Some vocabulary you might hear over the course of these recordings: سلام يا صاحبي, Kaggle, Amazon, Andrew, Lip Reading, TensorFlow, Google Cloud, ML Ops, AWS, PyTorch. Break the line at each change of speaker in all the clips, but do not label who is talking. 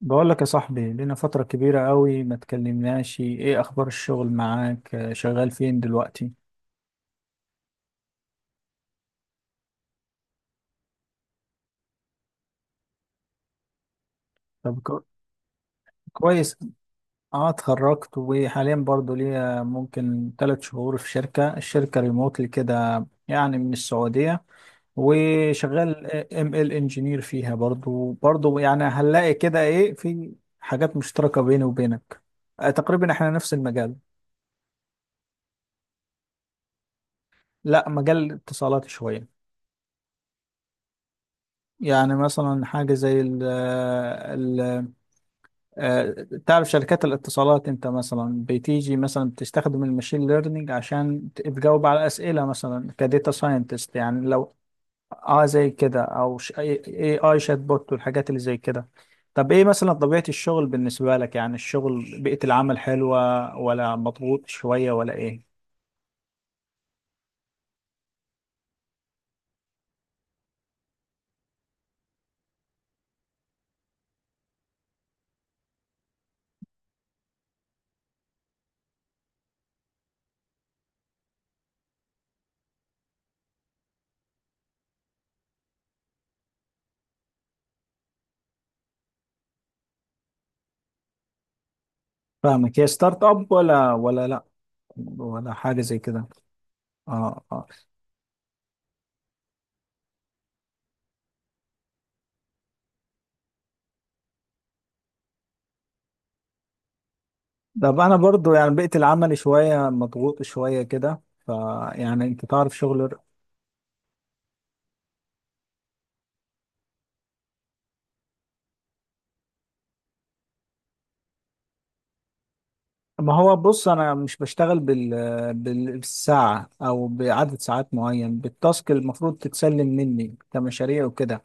بقول لك يا صاحبي، لنا فترة كبيرة قوي ما تكلمناش. ايه اخبار الشغل معاك؟ شغال فين دلوقتي؟ طب كويس. اه اتخرجت، وحاليا برضو ليا ممكن 3 شهور في شركة الشركة ريموتلي كده يعني من السعودية. وشغال ال انجينير فيها برضو يعني. هنلاقي كده ايه في حاجات مشتركة بيني وبينك. تقريبا احنا نفس المجال. لا، مجال اتصالات شوية. يعني مثلا حاجة زي ال، آه، تعرف شركات الاتصالات انت، مثلا بتيجي مثلا بتستخدم الماشين ليرنينج عشان تجاوب على اسئله، مثلا كديتا ساينتست يعني لو. اه، زي كده، او اي اي آي شات بوت والحاجات اللي زي كده. طب ايه مثلا طبيعه الشغل بالنسبه لك؟ يعني الشغل، بيئه العمل حلوه ولا مضغوط شويه ولا ايه؟ فاهمك. هي ستارت اب ولا لا ولا حاجه زي كده؟ اه، اه. طب انا برضو يعني بيئه العمل شويه مضغوط شويه كده، فيعني انت تعرف شغل. ما هو بص، انا مش بشتغل بالساعه او بعدد ساعات معين، بالتاسك المفروض تتسلم مني كمشاريع وكده.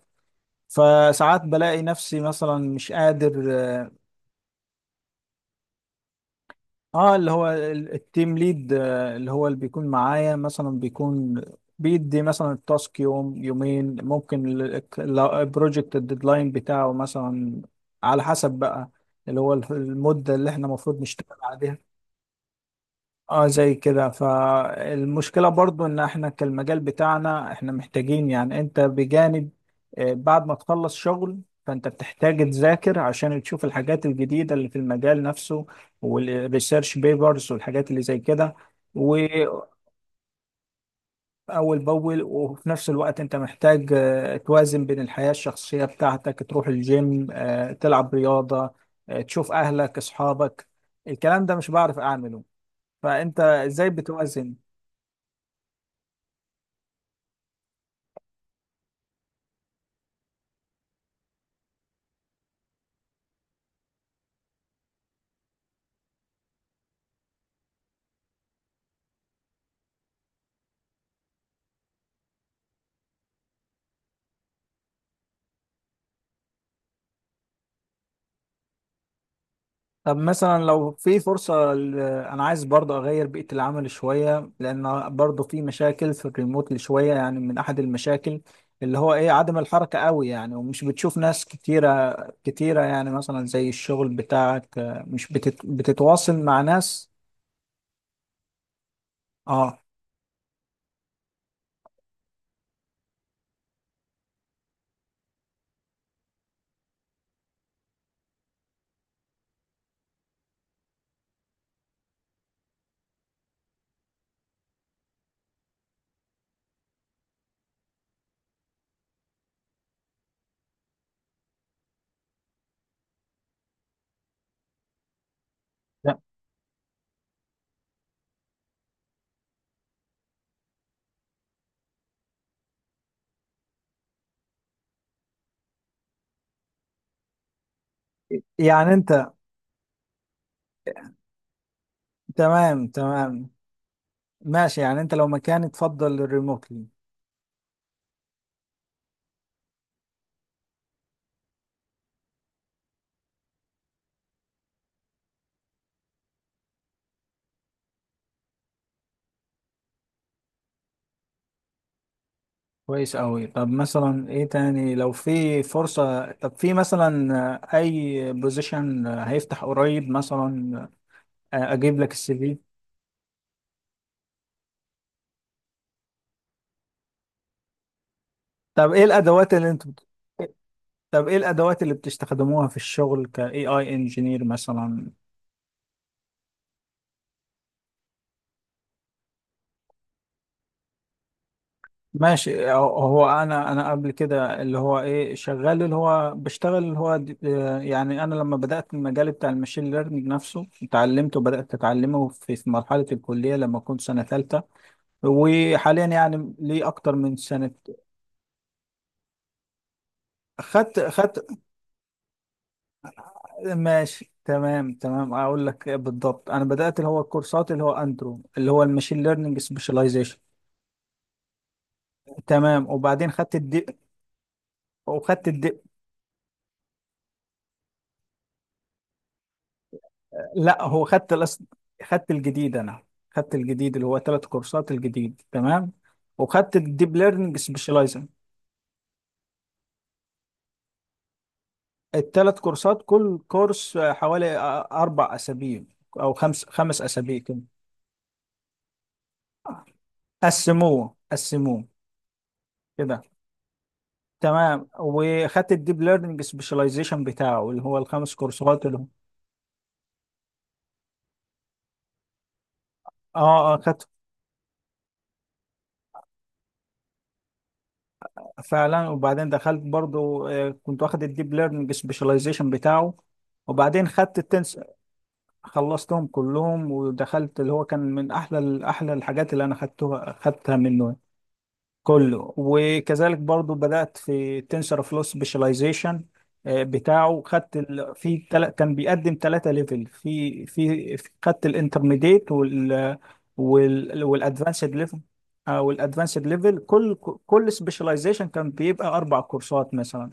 فساعات بلاقي نفسي مثلا مش قادر، اه. اللي هو التيم ليد، اللي هو اللي بيكون معايا، مثلا بيكون بيدي مثلا التاسك يوم يومين. ممكن البروجكت الديدلاين بتاعه مثلا على حسب بقى، اللي هو المدة اللي احنا المفروض نشتغل عليها. اه، زي كده. فالمشكلة برضو ان احنا كالمجال بتاعنا، احنا محتاجين يعني انت بجانب، بعد ما تخلص شغل فانت بتحتاج تذاكر عشان تشوف الحاجات الجديدة اللي في المجال نفسه، والريسيرش بيبرز والحاجات اللي زي كده، وأول بأول. وفي نفس الوقت انت محتاج توازن بين الحياة الشخصية بتاعتك، تروح الجيم، تلعب رياضة، تشوف أهلك أصحابك. الكلام ده مش بعرف أعمله. فأنت إزاي بتوازن؟ طب مثلا لو في فرصة، أنا عايز برضه أغير بيئة العمل شوية، لأن برضه في مشاكل في الريموت اللي شوية يعني. من أحد المشاكل اللي هو إيه عدم الحركة قوي يعني، ومش بتشوف ناس كتيرة كتيرة يعني. مثلا زي الشغل بتاعك مش بتتواصل مع ناس. آه. لا. يعني أنت، تمام تمام ماشي. يعني أنت لو مكاني تفضل الريموت؟ كويس أوي. طب مثلا إيه تاني، لو في فرصة؟ طب في مثلا أي بوزيشن هيفتح قريب مثلا، أجيب لك السي في. طب إيه الأدوات اللي أنتوا؟ طب إيه الأدوات اللي بتستخدموها في الشغل ك AI engineer مثلا؟ ماشي. هو أنا قبل كده اللي هو إيه شغال، اللي هو بشتغل اللي هو يعني أنا لما بدأت المجال بتاع الماشين ليرنينج نفسه اتعلمته، وبدأت أتعلمه في مرحلة الكلية لما كنت سنة ثالثة. وحاليا يعني ليه اكتر من سنه. خدت. ماشي، تمام تمام. اقول لك بالضبط، انا بدات اللي هو الكورسات اللي هو اندرو، اللي هو الماشين ليرنينج سبيشاليزيشن. تمام. وبعدين خدت الدي، وخدت الدي، لا هو خدت الجديد انا. خدت الجديد اللي هو 3 كورسات الجديد. تمام. وخدت الديب ليرنينج سبيشاليزيشن. الثلاث كورسات كل كورس حوالي 4 اسابيع، او خمس اسابيع كده. قسموه كده. تمام. وخدت الديب ليرنينج سبيشاليزيشن بتاعه اللي هو ال 5 كورسات اللي هم، اه اه خدت. فعلا. وبعدين دخلت برضو كنت واخد الديب ليرنينج سبيشاليزيشن بتاعه، وبعدين خدت التنس. خلصتهم كلهم. ودخلت اللي هو كان من احلى احلى الحاجات اللي انا خدتها خدتها منه كله. وكذلك برضو بدأت في تنسر فلو سبيشاليزيشن بتاعه. خدت ال... في تل... كان بيقدم 3 ليفل خدت الانترميديت وال والادفانسد ليفل، او الادفانسد ليفل. كل سبيشاليزيشن كان بيبقى 4 كورسات مثلا.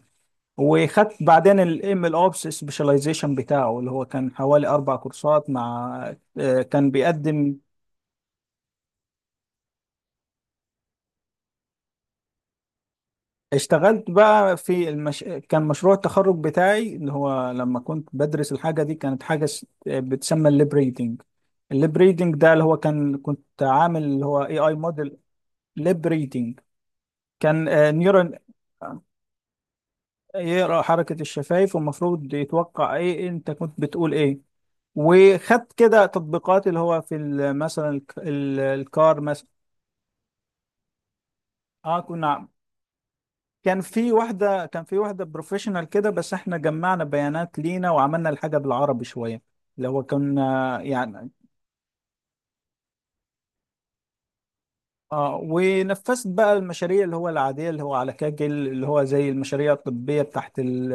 وخدت بعدين الام ال اوبس سبيشاليزيشن بتاعه اللي هو كان حوالي 4 كورسات، مع كان بيقدم. اشتغلت بقى في كان مشروع التخرج بتاعي اللي هو لما كنت بدرس الحاجة دي، كانت حاجة بتسمى الليب ريدنج. الليب ريدنج ده اللي هو كان كنت عامل اللي هو اي اي موديل ليب ريدنج. كان نيورال. يقرأ حركة الشفايف، والمفروض يتوقع ايه انت كنت بتقول ايه. وخدت كده تطبيقات اللي هو في مثلا الكار مثلا. اه كنا، كان في واحدة بروفيشنال كده، بس احنا جمعنا بيانات لينا وعملنا الحاجة بالعربي شوية. اللي هو كنا يعني، اه. ونفذت بقى المشاريع اللي هو العادية اللي هو على كاجل اللي هو زي المشاريع الطبية بتاعت ال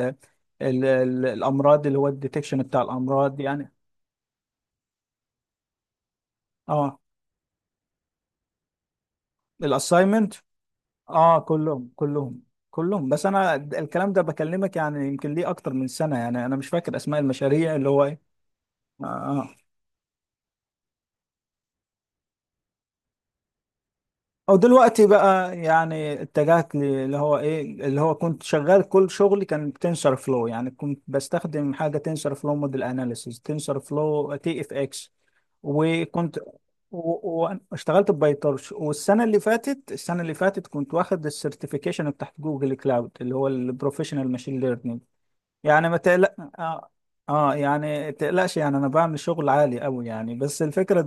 ال ال الأمراض، اللي هو الديتكشن بتاع الأمراض يعني. اه، الأسايمنت. اه، كلهم. بس أنا الكلام ده بكلمك يعني يمكن ليه أكتر من سنة، يعني أنا مش فاكر أسماء المشاريع اللي هو إيه. اه. آه. او دلوقتي بقى يعني اتجهت اللي هو ايه اللي هو كنت شغال. كل شغلي كان تنسر فلو يعني، كنت بستخدم حاجه تنسر فلو موديل اناليسيس، تنسر فلو تي اف اكس. وكنت و- واشتغلت ببايتورش. والسنه اللي فاتت السنه اللي فاتت كنت واخد السيرتيفيكيشن بتاعت جوجل كلاود، اللي هو البروفيشنال ماشين ليرنينج. يعني ما تقلق، اه. آه يعني تقلقش. يعني انا بعمل شغل عالي قوي يعني، بس الفكره.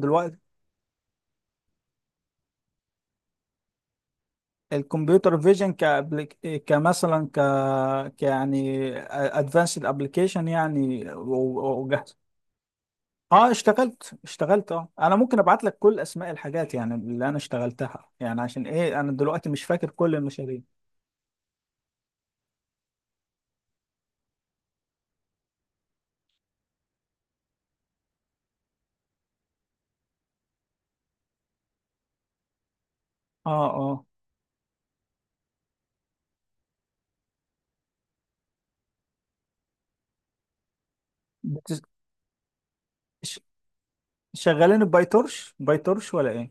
الكمبيوتر فيجن كأبليك... كمثلا ك... ك يعني ادفانسد ابلكيشن يعني، وجاهزه. اه اشتغلت اه، انا ممكن ابعت لك كل اسماء الحاجات يعني، اللي انا اشتغلتها يعني، عشان ايه انا دلوقتي مش فاكر كل المشاريع. اه، اه. بتز... ش... شغالين بايتورش ولا ايه؟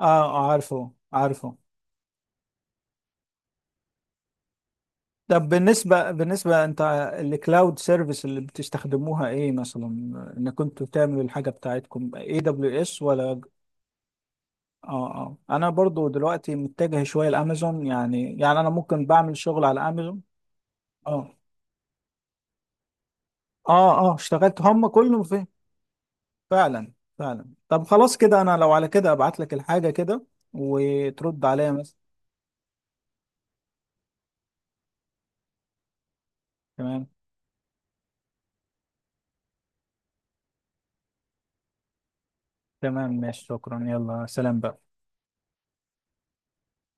اه عارفه عارفه. طب بالنسبة انت، الكلاود سيرفيس اللي بتستخدموها ايه مثلا؟ انك كنتوا بتعملوا الحاجة بتاعتكم اي دبليو اس ولا؟ اه. اه انا برضو دلوقتي متجه شويه لامازون يعني انا ممكن بعمل شغل على امازون. اه، اه، اه اشتغلت، هم كلهم فين. فعلا. فعلا. طب خلاص كده انا لو على كده ابعت لك الحاجه كده، وترد عليا مثلا. تمام تمام ماشي، شكرا، يلا سلام بقى.